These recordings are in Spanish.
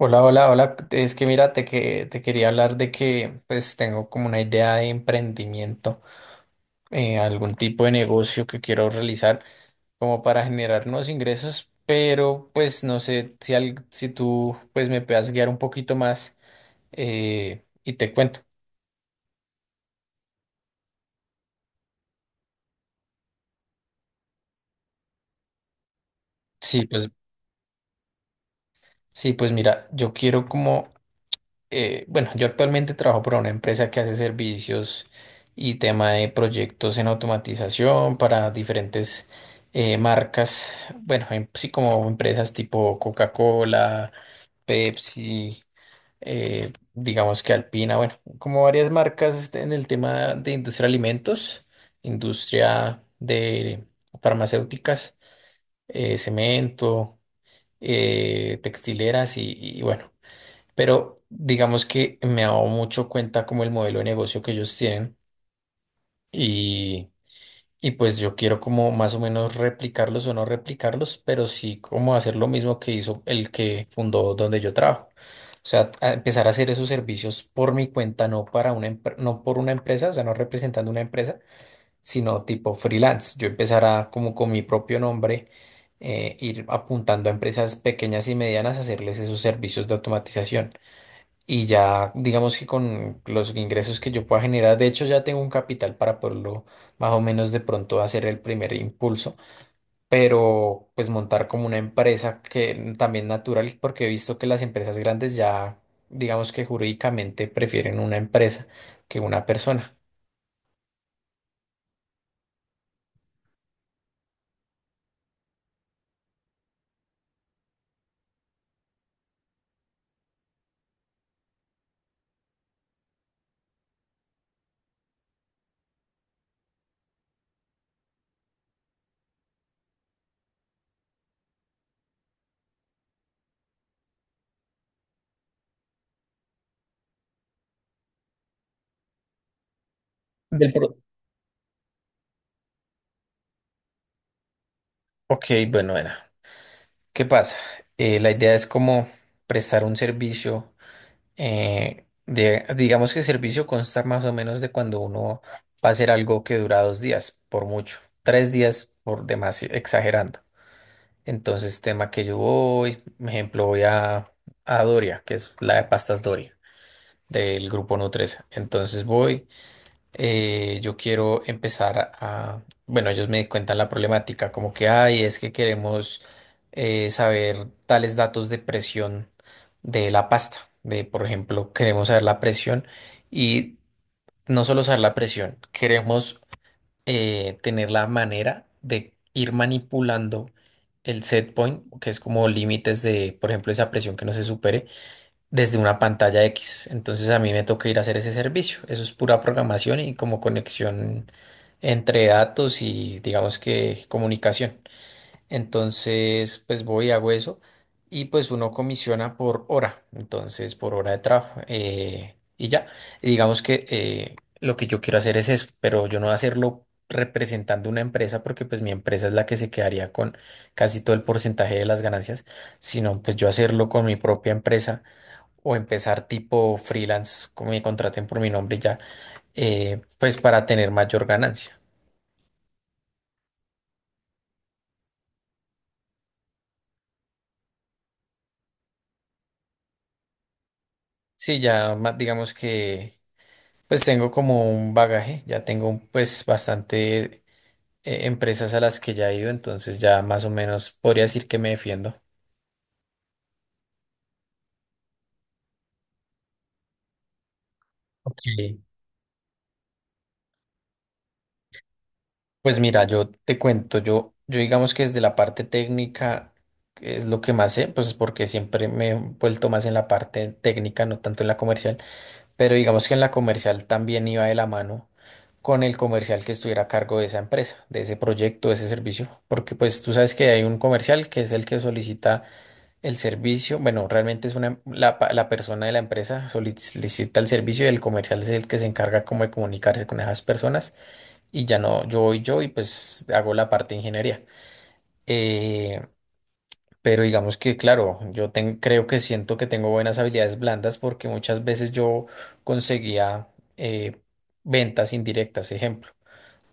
Hola, hola, hola. Es que mira, te quería hablar de que pues tengo como una idea de emprendimiento, algún tipo de negocio que quiero realizar como para generar nuevos ingresos, pero pues no sé si tú pues me puedas guiar un poquito más y te cuento. Sí, pues, sí, pues, mira, yo quiero como bueno, yo actualmente trabajo para una empresa que hace servicios y tema de proyectos en automatización para diferentes marcas. Bueno, sí, como empresas tipo Coca-Cola, Pepsi, digamos que Alpina, bueno, como varias marcas, este, en el tema de industria de alimentos, industria de farmacéuticas, cemento, textileras y bueno, pero digamos que me he dado mucho cuenta como el modelo de negocio que ellos tienen, y, y pues yo quiero como más o menos replicarlos, o no replicarlos, pero sí como hacer lo mismo que hizo el que fundó donde yo trabajo. O sea, a empezar a hacer esos servicios por mi cuenta, no por una empresa, o sea, no representando una empresa, sino tipo freelance. Yo empezar a como con mi propio nombre ir apuntando a empresas pequeñas y medianas a hacerles esos servicios de automatización. Y ya, digamos que con los ingresos que yo pueda generar, de hecho ya tengo un capital para poderlo más o menos de pronto hacer el primer impulso, pero pues montar como una empresa que también natural, porque he visto que las empresas grandes ya, digamos que jurídicamente prefieren una empresa que una persona. Del pro- Ok, bueno, era. ¿Qué pasa? La idea es como prestar un servicio. Digamos que el servicio consta más o menos de cuando uno va a hacer algo que dura dos días, por mucho, tres días por demás, exagerando. Entonces, tema que yo voy, por ejemplo, a Doria, que es la de pastas Doria del grupo Nutresa. Entonces voy, yo quiero empezar a, bueno, ellos me cuentan la problemática, como que, ay, es que queremos saber tales datos de presión de la pasta, de, por ejemplo, queremos saber la presión, y no solo saber la presión, queremos tener la manera de ir manipulando el set point, que es como límites de, por ejemplo, esa presión que no se supere desde una pantalla X. Entonces a mí me toca ir a hacer ese servicio. Eso es pura programación y como conexión entre datos y digamos que comunicación. Entonces pues voy, hago eso, y pues uno comisiona por hora, entonces por hora de trabajo, y ya. Y digamos que, lo que yo quiero hacer es eso, pero yo no voy a hacerlo representando una empresa, porque pues mi empresa es la que se quedaría con casi todo el porcentaje de las ganancias, sino pues yo hacerlo con mi propia empresa o empezar tipo freelance, como me contraten por mi nombre y ya, pues para tener mayor ganancia. Digamos que pues tengo como un bagaje, ya tengo pues bastante, empresas a las que ya he ido, entonces ya más o menos podría decir que me defiendo. Ok. Pues mira, yo te cuento, yo digamos que desde la parte técnica, que es lo que más sé, pues porque siempre me he vuelto más en la parte técnica, no tanto en la comercial. Pero digamos que en la comercial también iba de la mano con el comercial que estuviera a cargo de esa empresa, de ese proyecto, de ese servicio, porque pues tú sabes que hay un comercial que es el que solicita el servicio. Bueno, realmente es la persona de la empresa solicita el servicio, y el comercial es el que se encarga como de comunicarse con esas personas y ya no, yo voy yo y pues hago la parte de ingeniería. Eh, pero digamos que, claro, creo que siento que tengo buenas habilidades blandas, porque muchas veces yo conseguía, eh, ventas indirectas, ejemplo.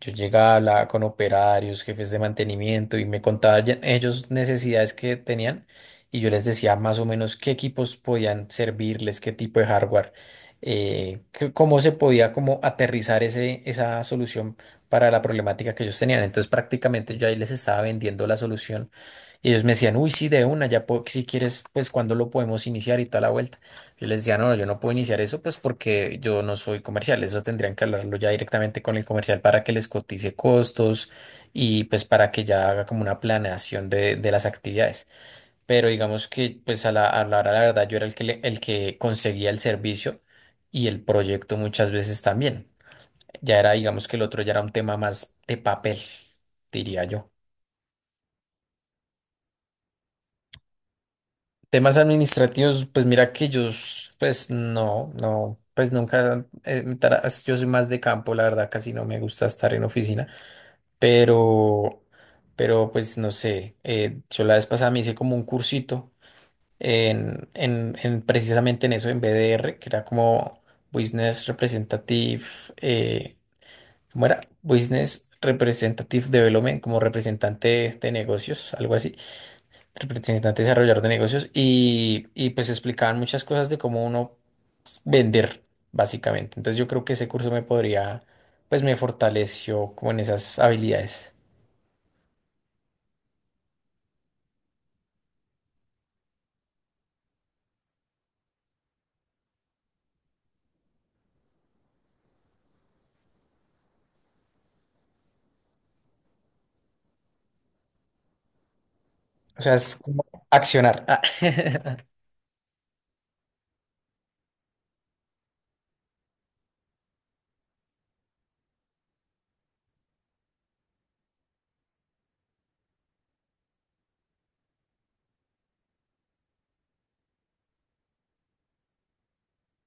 Yo llegaba, hablaba con operarios, jefes de mantenimiento y me contaban ellos necesidades que tenían, y yo les decía más o menos qué equipos podían servirles, qué tipo de hardware, cómo se podía como aterrizar ese, esa solución para la problemática que ellos tenían. Entonces prácticamente yo ahí les estaba vendiendo la solución, y ellos me decían, uy, sí, de una, si quieres, pues cuándo lo podemos iniciar y tal la vuelta. Yo les decía, no, no, yo no puedo iniciar eso, pues porque yo no soy comercial. Eso tendrían que hablarlo ya directamente con el comercial para que les cotice costos y pues para que ya haga como una planeación de las actividades. Pero digamos que pues a la hora, la verdad, yo era el que, el que conseguía el servicio y el proyecto muchas veces también. Ya era, digamos que el otro ya era un tema más de papel, diría yo. Temas administrativos, pues mira que yo, pues no, no, pues nunca, yo soy más de campo, la verdad, casi no me gusta estar en oficina, pero, pero pues no sé, yo la vez pasada me hice como un cursito en precisamente en eso, en BDR, que era como Business Representative, eh, ¿cómo era? Business Representative Development, como representante de negocios, algo así, representante desarrollador de negocios, y pues explicaban muchas cosas de cómo uno pues vender, básicamente. Entonces yo creo que ese curso me podría, pues me fortaleció como en esas habilidades. O sea, es como accionar. Ah.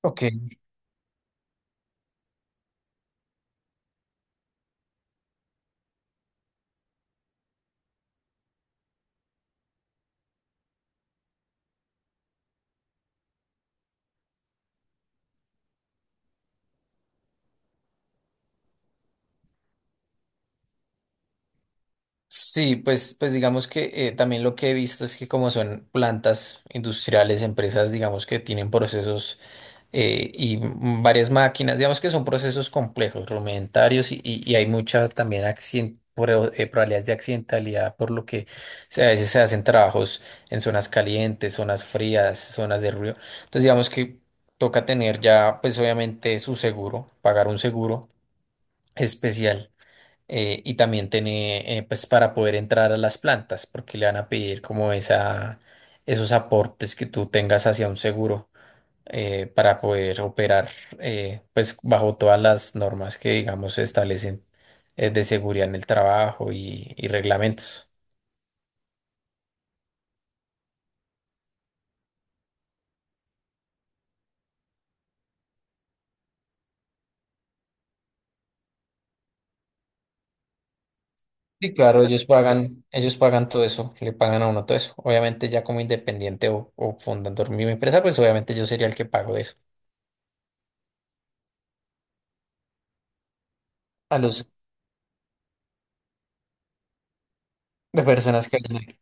Ok. Sí, pues, pues digamos que, también lo que he visto es que como son plantas industriales, empresas, digamos que tienen procesos, y varias máquinas. Digamos que son procesos complejos, rudimentarios y hay mucha también probabilidades de accidentalidad, por lo que a veces se hacen trabajos en zonas calientes, zonas frías, zonas de ruido. Entonces, digamos que toca tener ya, pues obviamente su seguro, pagar un seguro especial, y también tener, pues para poder entrar a las plantas, porque le van a pedir como esa, esos aportes que tú tengas hacia un seguro, para poder operar, pues bajo todas las normas que digamos se establecen, de seguridad en el trabajo y reglamentos. Sí, claro, ellos pagan todo eso, le pagan a uno todo eso. Obviamente ya como independiente o fundando mi empresa, pues obviamente yo sería el que pago eso a los de personas que hayan ahí.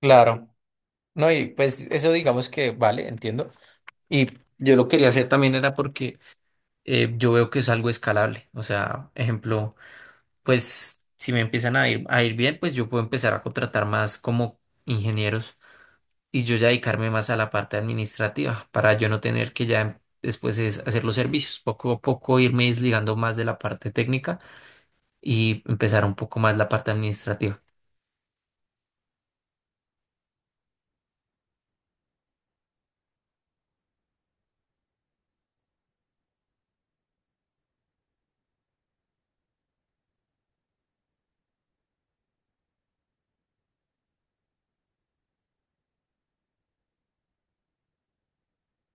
Claro, no, y pues eso digamos que vale, entiendo. Y yo lo quería hacer también era porque, yo veo que es algo escalable. O sea, ejemplo, pues si me empiezan a a ir bien, pues yo puedo empezar a contratar más como ingenieros, y yo ya dedicarme más a la parte administrativa, para yo no tener que ya, em, después es hacer los servicios, poco a poco irme desligando más de la parte técnica y empezar un poco más la parte administrativa.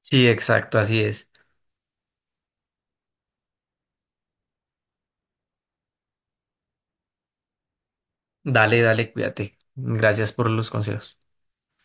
Sí, exacto, así es. Dale, dale, cuídate. Gracias por los consejos.